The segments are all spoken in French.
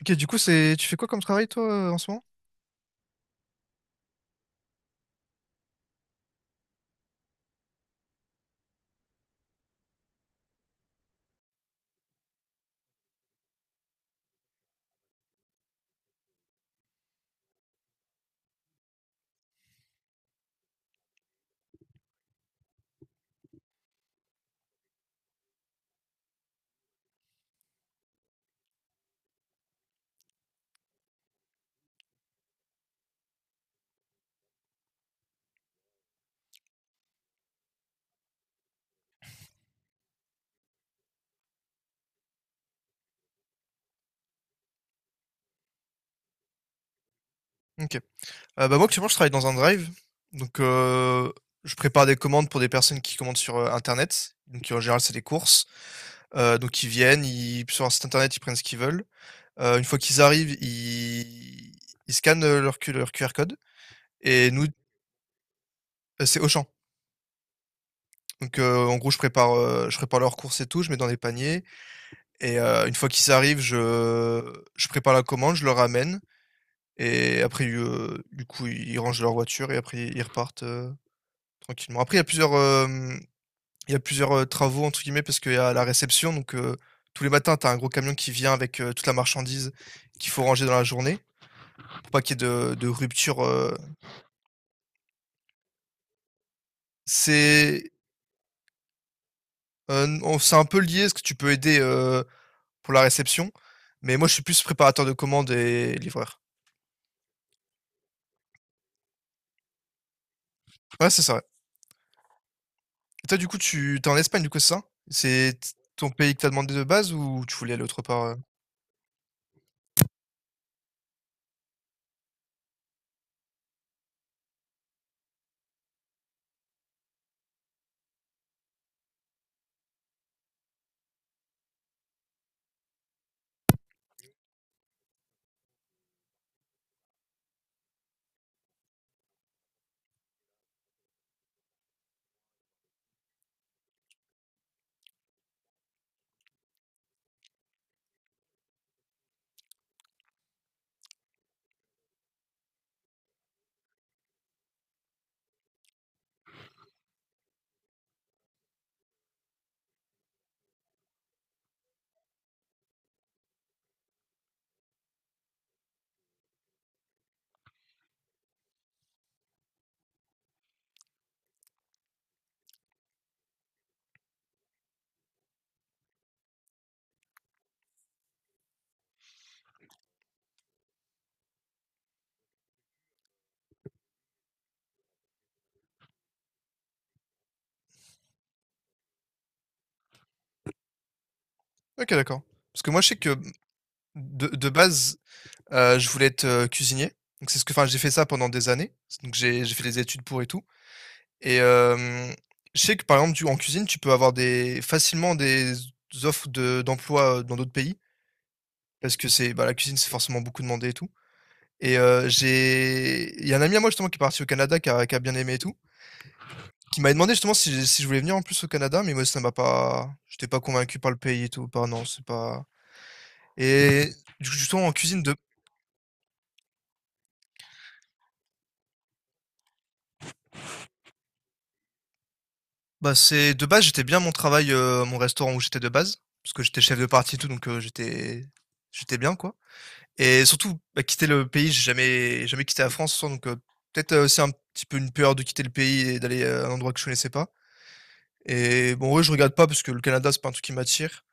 Ok, du coup, c'est tu fais quoi comme travail toi en ce moment? Ok. Bah moi actuellement je travaille dans un drive. Donc je prépare des commandes pour des personnes qui commandent sur internet. Donc en général c'est des courses. Donc ils viennent, ils sur un site internet ils prennent ce qu'ils veulent. Une fois qu'ils arrivent, ils scannent leur, leur QR code. Et nous c'est Auchan. Donc en gros je prépare leurs courses et tout, je mets dans des paniers. Et une fois qu'ils arrivent, je prépare la commande, je leur ramène. Et après, du coup, ils rangent leur voiture et après ils repartent, tranquillement. Après, il y a plusieurs, «travaux» entre guillemets parce qu'il y a la réception donc, tous les matins, tu as un gros camion qui vient avec, toute la marchandise qu'il faut ranger dans la journée pour pas qu'il y ait de rupture, C'est, non, c'est un peu lié parce que tu peux aider, pour la réception, mais moi, je suis plus préparateur de commandes et livreur. Ouais, c'est ça, ouais. Et toi, du coup, tu t'es en Espagne, du coup, c'est ça? C'est t ton pays que t'as demandé de base ou tu voulais aller autre part, OK, d'accord. Parce que moi, je sais que de base, je voulais être, cuisinier. Donc c'est ce que j'ai fait ça pendant des années. Donc j'ai fait des études pour et tout et je sais que par exemple, tu en cuisine, tu peux avoir des facilement des offres de d'emploi, dans d'autres pays parce que c'est bah, la cuisine, c'est forcément beaucoup demandé et tout et j'ai il y a un ami à moi justement qui est parti au Canada, qui a bien aimé et tout, qui m'avait demandé justement si je voulais venir en plus au Canada, mais moi ça m'a pas j'étais pas convaincu par le pays et tout, par non, c'est pas et du coup, justement en cuisine de Bah, c'est de base, j'étais bien mon travail, mon restaurant où j'étais de base, parce que j'étais chef de partie et tout, donc j'étais bien, quoi et surtout, bah, quitter le pays, j'ai jamais quitté la France, donc peut-être, c'est un petit peu une peur de quitter le pays et d'aller, à un endroit que je connaissais pas et bon, ouais, je regarde pas parce que le Canada, c'est pas un truc qui m'attire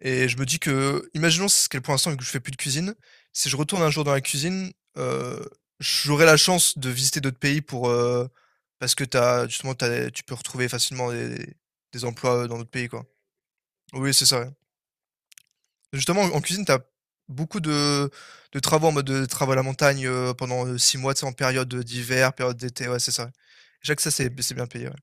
et je me dis que, imaginons ce qu'est pour l'instant, vu que je fais plus de cuisine, si je retourne un jour dans la cuisine, euh, j'aurai la chance de visiter d'autres pays pour, parce que t'as, tu peux retrouver facilement des emplois dans d'autres pays, quoi. Oui, c'est ça, ouais. Justement, en cuisine, tu as beaucoup de travaux en mode de travaux à la montagne pendant six mois, tu sais, en période d'hiver, période d'été, ouais, c'est ça. Je sais que ça, c'est bien payé, ouais.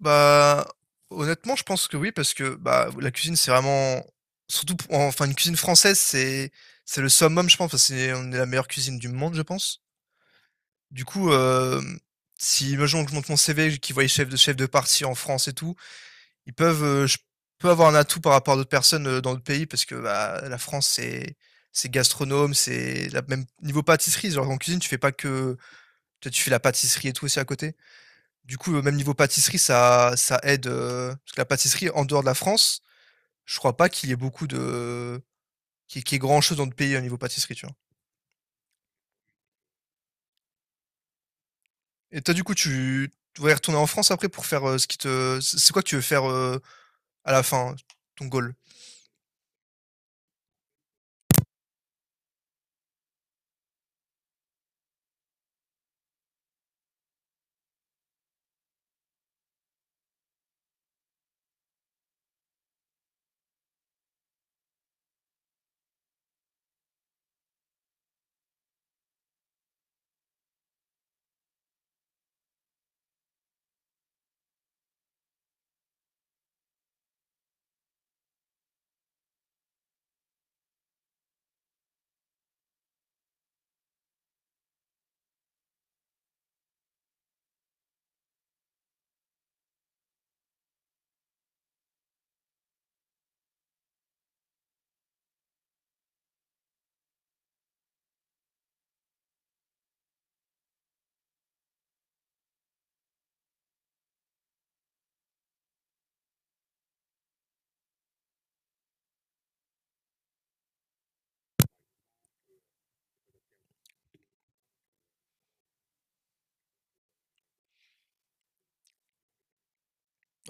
Bah, honnêtement, je pense que oui, parce que, bah, la cuisine, c'est vraiment surtout pou enfin, une cuisine française, c'est le summum, je pense, enfin, c'est on est la meilleure cuisine du monde, je pense. Du coup, si imaginons que je monte mon CV, qu'ils voient les chefs de parti en France et tout, ils peuvent, je peux avoir un atout par rapport à d'autres personnes, dans d'autres pays parce que, bah, la France, c'est gastronome, c'est la même niveau pâtisserie, genre en cuisine, tu fais pas que tu sais, tu fais la pâtisserie et tout aussi à côté. Du coup, même niveau pâtisserie, ça aide. Parce que la pâtisserie, en dehors de la France, je crois pas qu'il y ait beaucoup de. Qu'il y, qu'il y ait grand chose dans le pays au niveau pâtisserie, tu vois. Et toi, du coup, tu voudrais retourner en France après pour faire ce qui te. C'est quoi que tu veux faire à la fin, ton goal?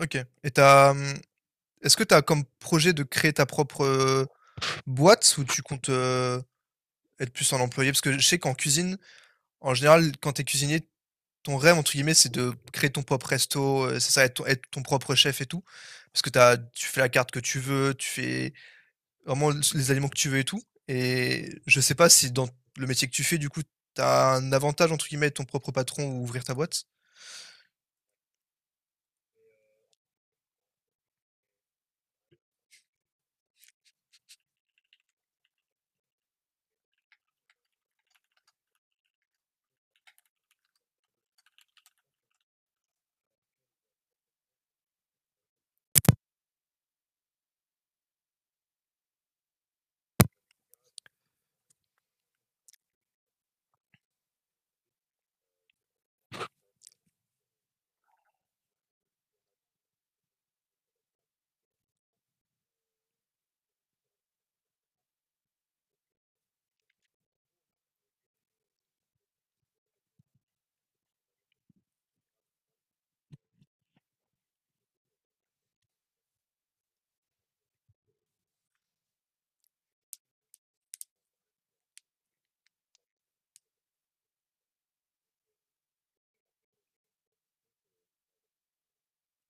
Ok. Et t'as. Est-ce que tu as comme projet de créer ta propre boîte ou tu comptes être plus un employé? Parce que je sais qu'en cuisine, en général, quand tu es cuisinier, ton rêve, entre guillemets, c'est de créer ton propre resto, c'est ça, être ton propre chef et tout? Parce que tu fais la carte que tu veux, tu fais vraiment l les aliments que tu veux et tout et je sais pas si dans le métier que tu fais, du coup, t'as un avantage, entre guillemets, être ton propre patron ou ouvrir ta boîte?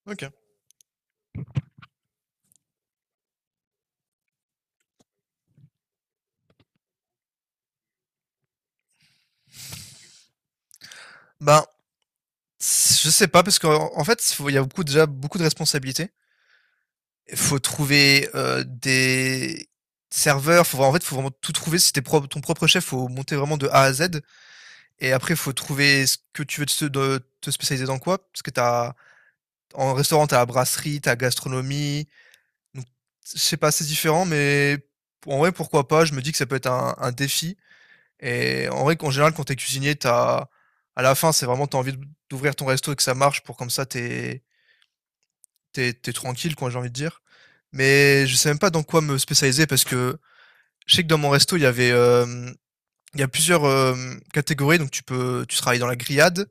OK. Ben, je sais pas parce qu'en en fait, faut il y a beaucoup déjà beaucoup de responsabilités. Il faut trouver, des serveurs, en fait, faut vraiment tout trouver. Si tu es ton propre chef, faut monter vraiment de A à Z. Et après, il faut trouver ce que tu veux te spécialiser dans quoi. Parce que t'as, en restaurant, tu as la brasserie, tu as la gastronomie. Donc, je sais pas, c'est différent, mais en vrai, pourquoi pas? Je me dis que ça peut être un défi. Et en vrai, qu'en général, quand tu es cuisinier, t'as, à la fin, c'est vraiment, tu as envie d'ouvrir ton resto et que ça marche pour comme ça, tu es, tranquille, quoi, j'ai envie de dire. Mais je sais même pas dans quoi me spécialiser parce que je sais que dans mon resto, il y a plusieurs catégories, donc tu travailles dans la grillade,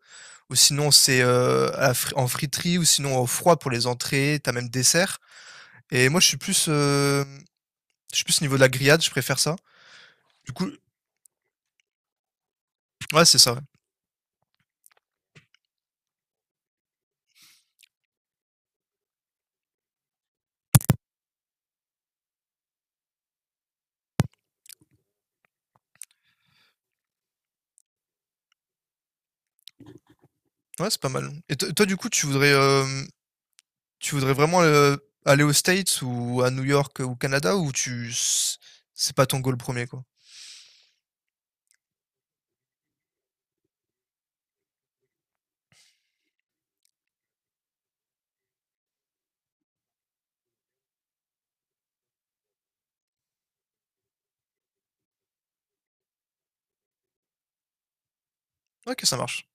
ou sinon c'est à la en friterie, ou sinon au froid pour les entrées, t'as même dessert. Et moi je suis plus au niveau de la grillade, je préfère ça. Du coup, ouais c'est ça. Ouais, ouais, c'est pas mal. Et toi du coup tu voudrais tu voudrais vraiment, aller aux States ou à New York, ou au Canada ou tu c c'est pas ton goal premier quoi? OK, ça marche.